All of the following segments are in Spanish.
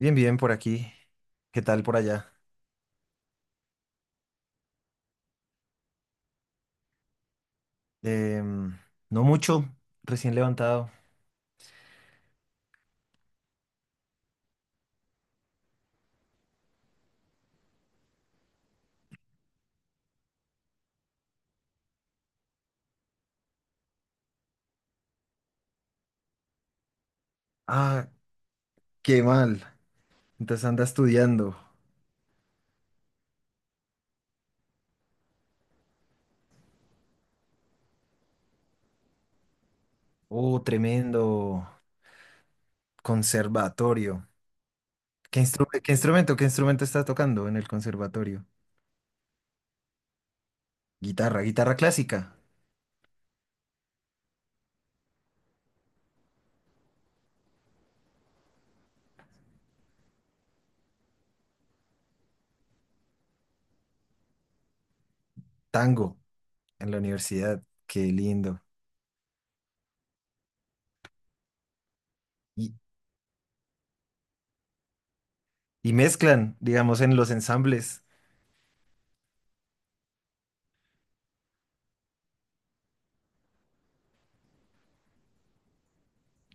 Bien, bien, por aquí. ¿Qué tal por allá? Em, no mucho, recién levantado. Ah, qué mal. Entonces anda estudiando. Oh, tremendo conservatorio. ¿ Qué instrumento, qué instrumento estás tocando en el conservatorio? Guitarra, guitarra clásica, tango en la universidad. Qué lindo. Y, y mezclan, digamos, en los ensambles,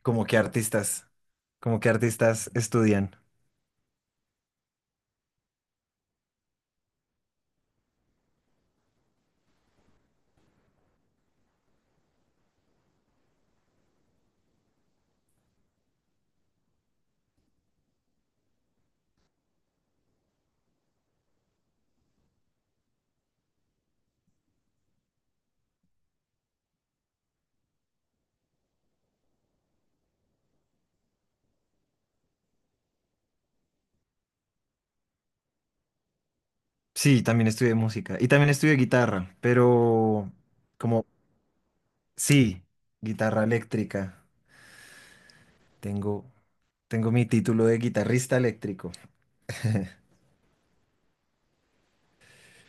como que artistas, como que artistas estudian. Sí, también estudié música y también estudié guitarra, pero como sí, guitarra eléctrica. Tengo, tengo mi título de guitarrista eléctrico.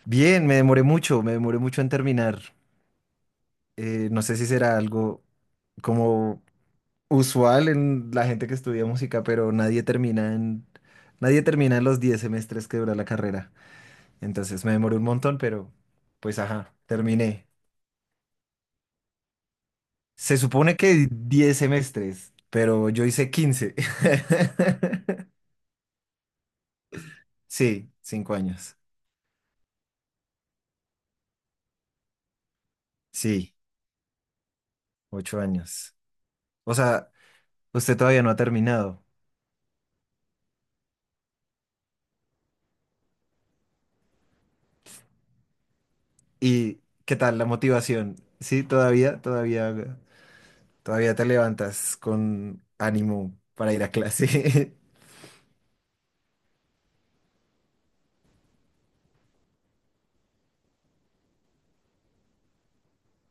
Bien, me demoré mucho en terminar. No sé si será algo como usual en la gente que estudia música, pero nadie termina en los 10 semestres que dura la carrera. Entonces me demoré un montón, pero pues ajá, terminé. Se supone que 10 semestres, pero yo hice 15. Sí, 5 años. Sí, ocho años. O sea, usted todavía no ha terminado. ¿Y qué tal la motivación? Sí, todavía te levantas con ánimo para ir a clase.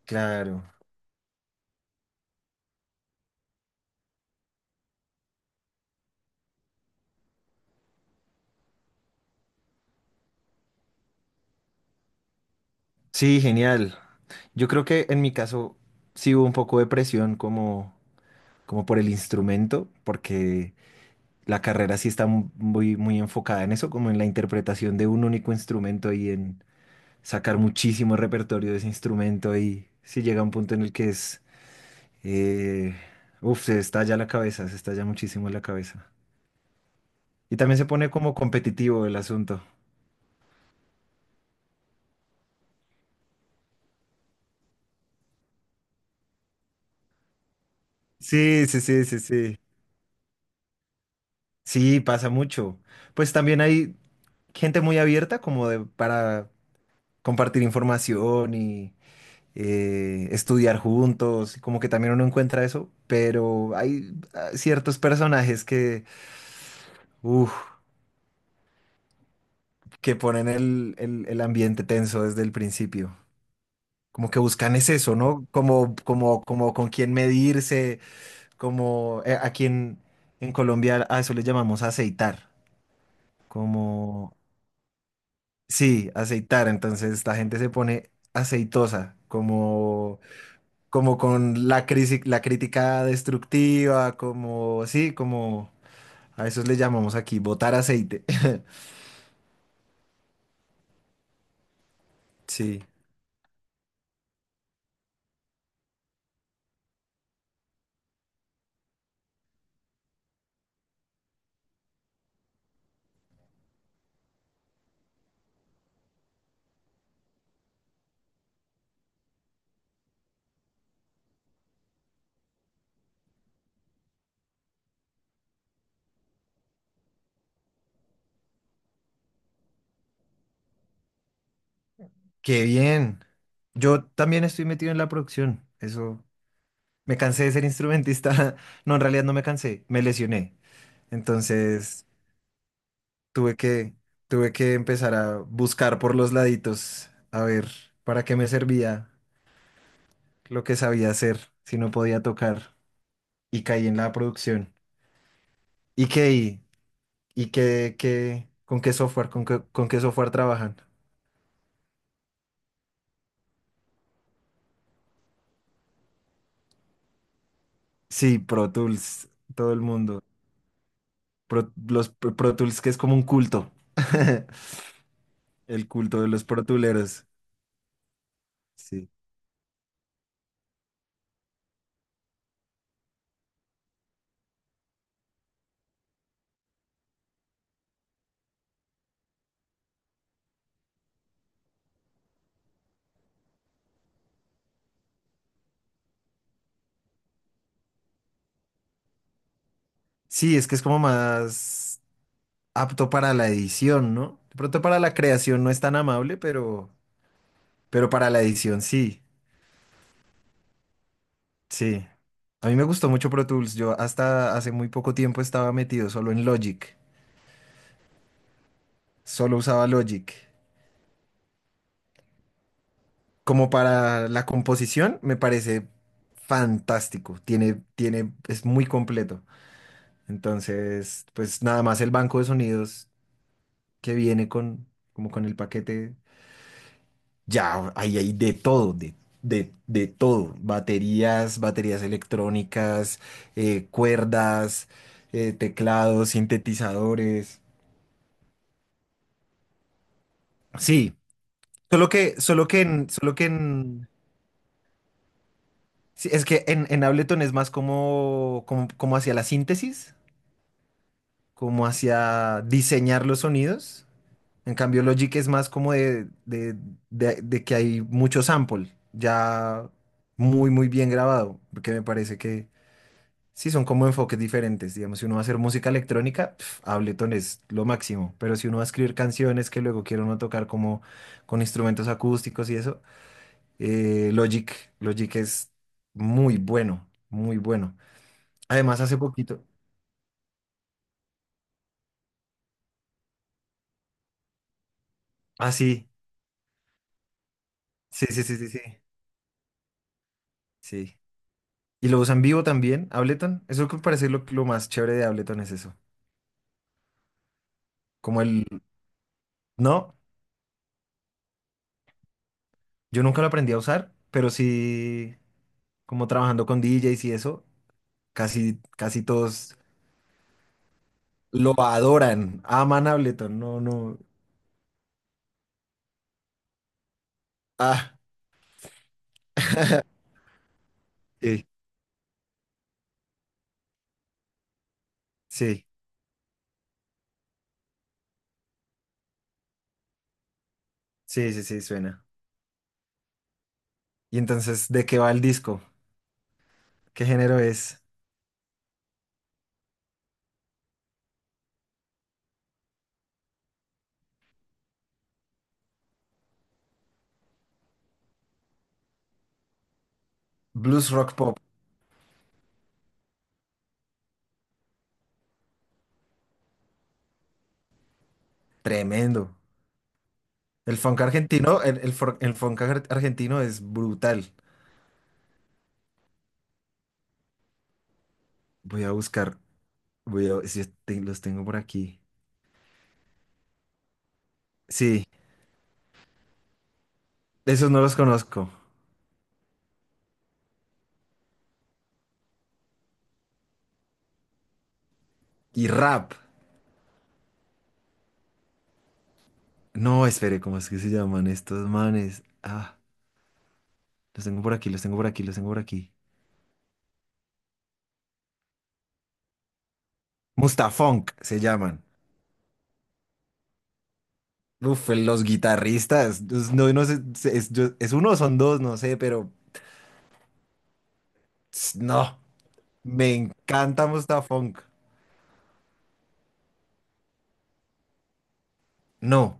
Claro. Sí, genial. Yo creo que en mi caso sí hubo un poco de presión como por el instrumento, porque la carrera sí está muy enfocada en eso, como en la interpretación de un único instrumento y en sacar muchísimo repertorio de ese instrumento y si llega un punto en el que es, eh, uf, se estalla la cabeza, se estalla muchísimo la cabeza. Y también se pone como competitivo el asunto. Sí, sí, sí, sí, sí. Sí, pasa mucho. Pues también hay gente muy abierta para compartir información y estudiar juntos, como que también uno encuentra eso, pero hay ah, ciertos personajes que, uf, que ponen el ambiente tenso desde el principio. Como que buscan es eso, ¿no? Como con quién medirse, como a quién en Colombia a eso le llamamos aceitar. Como, sí, aceitar. Entonces la gente se pone aceitosa, como con la crisis, la crítica destructiva, como, sí, como a eso le llamamos aquí, botar aceite. Sí, qué bien. Yo también estoy metido en la producción. Eso, me cansé de ser instrumentista. No, en realidad no me cansé, me lesioné. Entonces, tuve que, tuve que empezar a buscar por los laditos, a ver para qué me servía lo que sabía hacer, si no podía tocar, y caí en la producción. ¿Y qué? ¿Y con qué, con qué software trabajan? Sí, Pro Tools, todo el mundo. Los Pro Tools que es como un culto. El culto de los Pro Tooleros. Sí. Sí, es que es como más apto para la edición, ¿no? De pronto para la creación no es tan amable, pero para la edición sí. Sí. A mí me gustó mucho Pro Tools. Yo hasta hace muy poco tiempo estaba metido solo en Logic. Solo usaba Logic. Como para la composición, me parece fantástico. Es muy completo. Entonces, pues nada más el banco de sonidos que viene con, como con el paquete, ya ahí hay de todo, de todo. Baterías, baterías electrónicas, cuerdas, teclados, sintetizadores. Sí, solo que, solo que en, solo que en, sí, es que en Ableton es más como hacia la síntesis. Como hacia diseñar los sonidos. En cambio, Logic es más como de que hay mucho sample, ya muy bien grabado, porque me parece que sí son como enfoques diferentes. Digamos, si uno va a hacer música electrónica, pf, Ableton es lo máximo, pero si uno va a escribir canciones que luego quiere uno tocar como con instrumentos acústicos y eso, eh, Logic, Logic es muy bueno, muy bueno. Además, hace poquito, ah, sí, sí, sí, sí, sí, sí. Sí. Y lo usan vivo también, Ableton. Eso es lo que me parece lo más chévere de Ableton es eso. Como el, no, yo nunca lo aprendí a usar, pero sí, como trabajando con DJs y eso, casi todos lo adoran, aman Ableton. No, no. Ah, sí, sí, sí, sí, sí, suena. Y entonces, ¿de qué va el disco? ¿Qué género es? Blues rock pop. Tremendo. El funk argentino, el argentino es brutal. Voy a buscar. Voy a- ver si te- los tengo por aquí. Sí, esos no los conozco. Y rap. No, espere, ¿cómo es que se llaman estos manes? Ah, los tengo por aquí. Mustafunk se llaman. Uf, los guitarristas. Pues, no, no sé, se- es, yo- es uno o son dos, no sé, pero ps, no. Me encanta Mustafunk. No.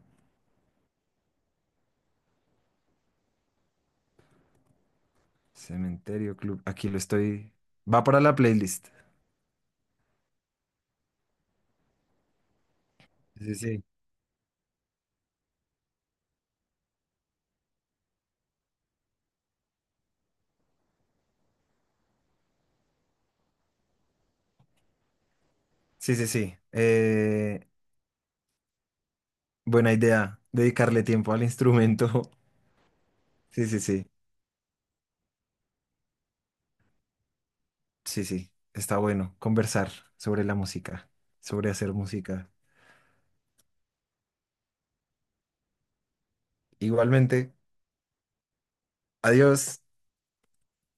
Cementerio Club. Aquí lo estoy. Va para la playlist. Sí, sí, sí. Sí, sí, sí. Buena idea, dedicarle tiempo al instrumento. Sí, sí, sí, sí, sí, está bueno conversar sobre la música, sobre hacer música. Igualmente, adiós.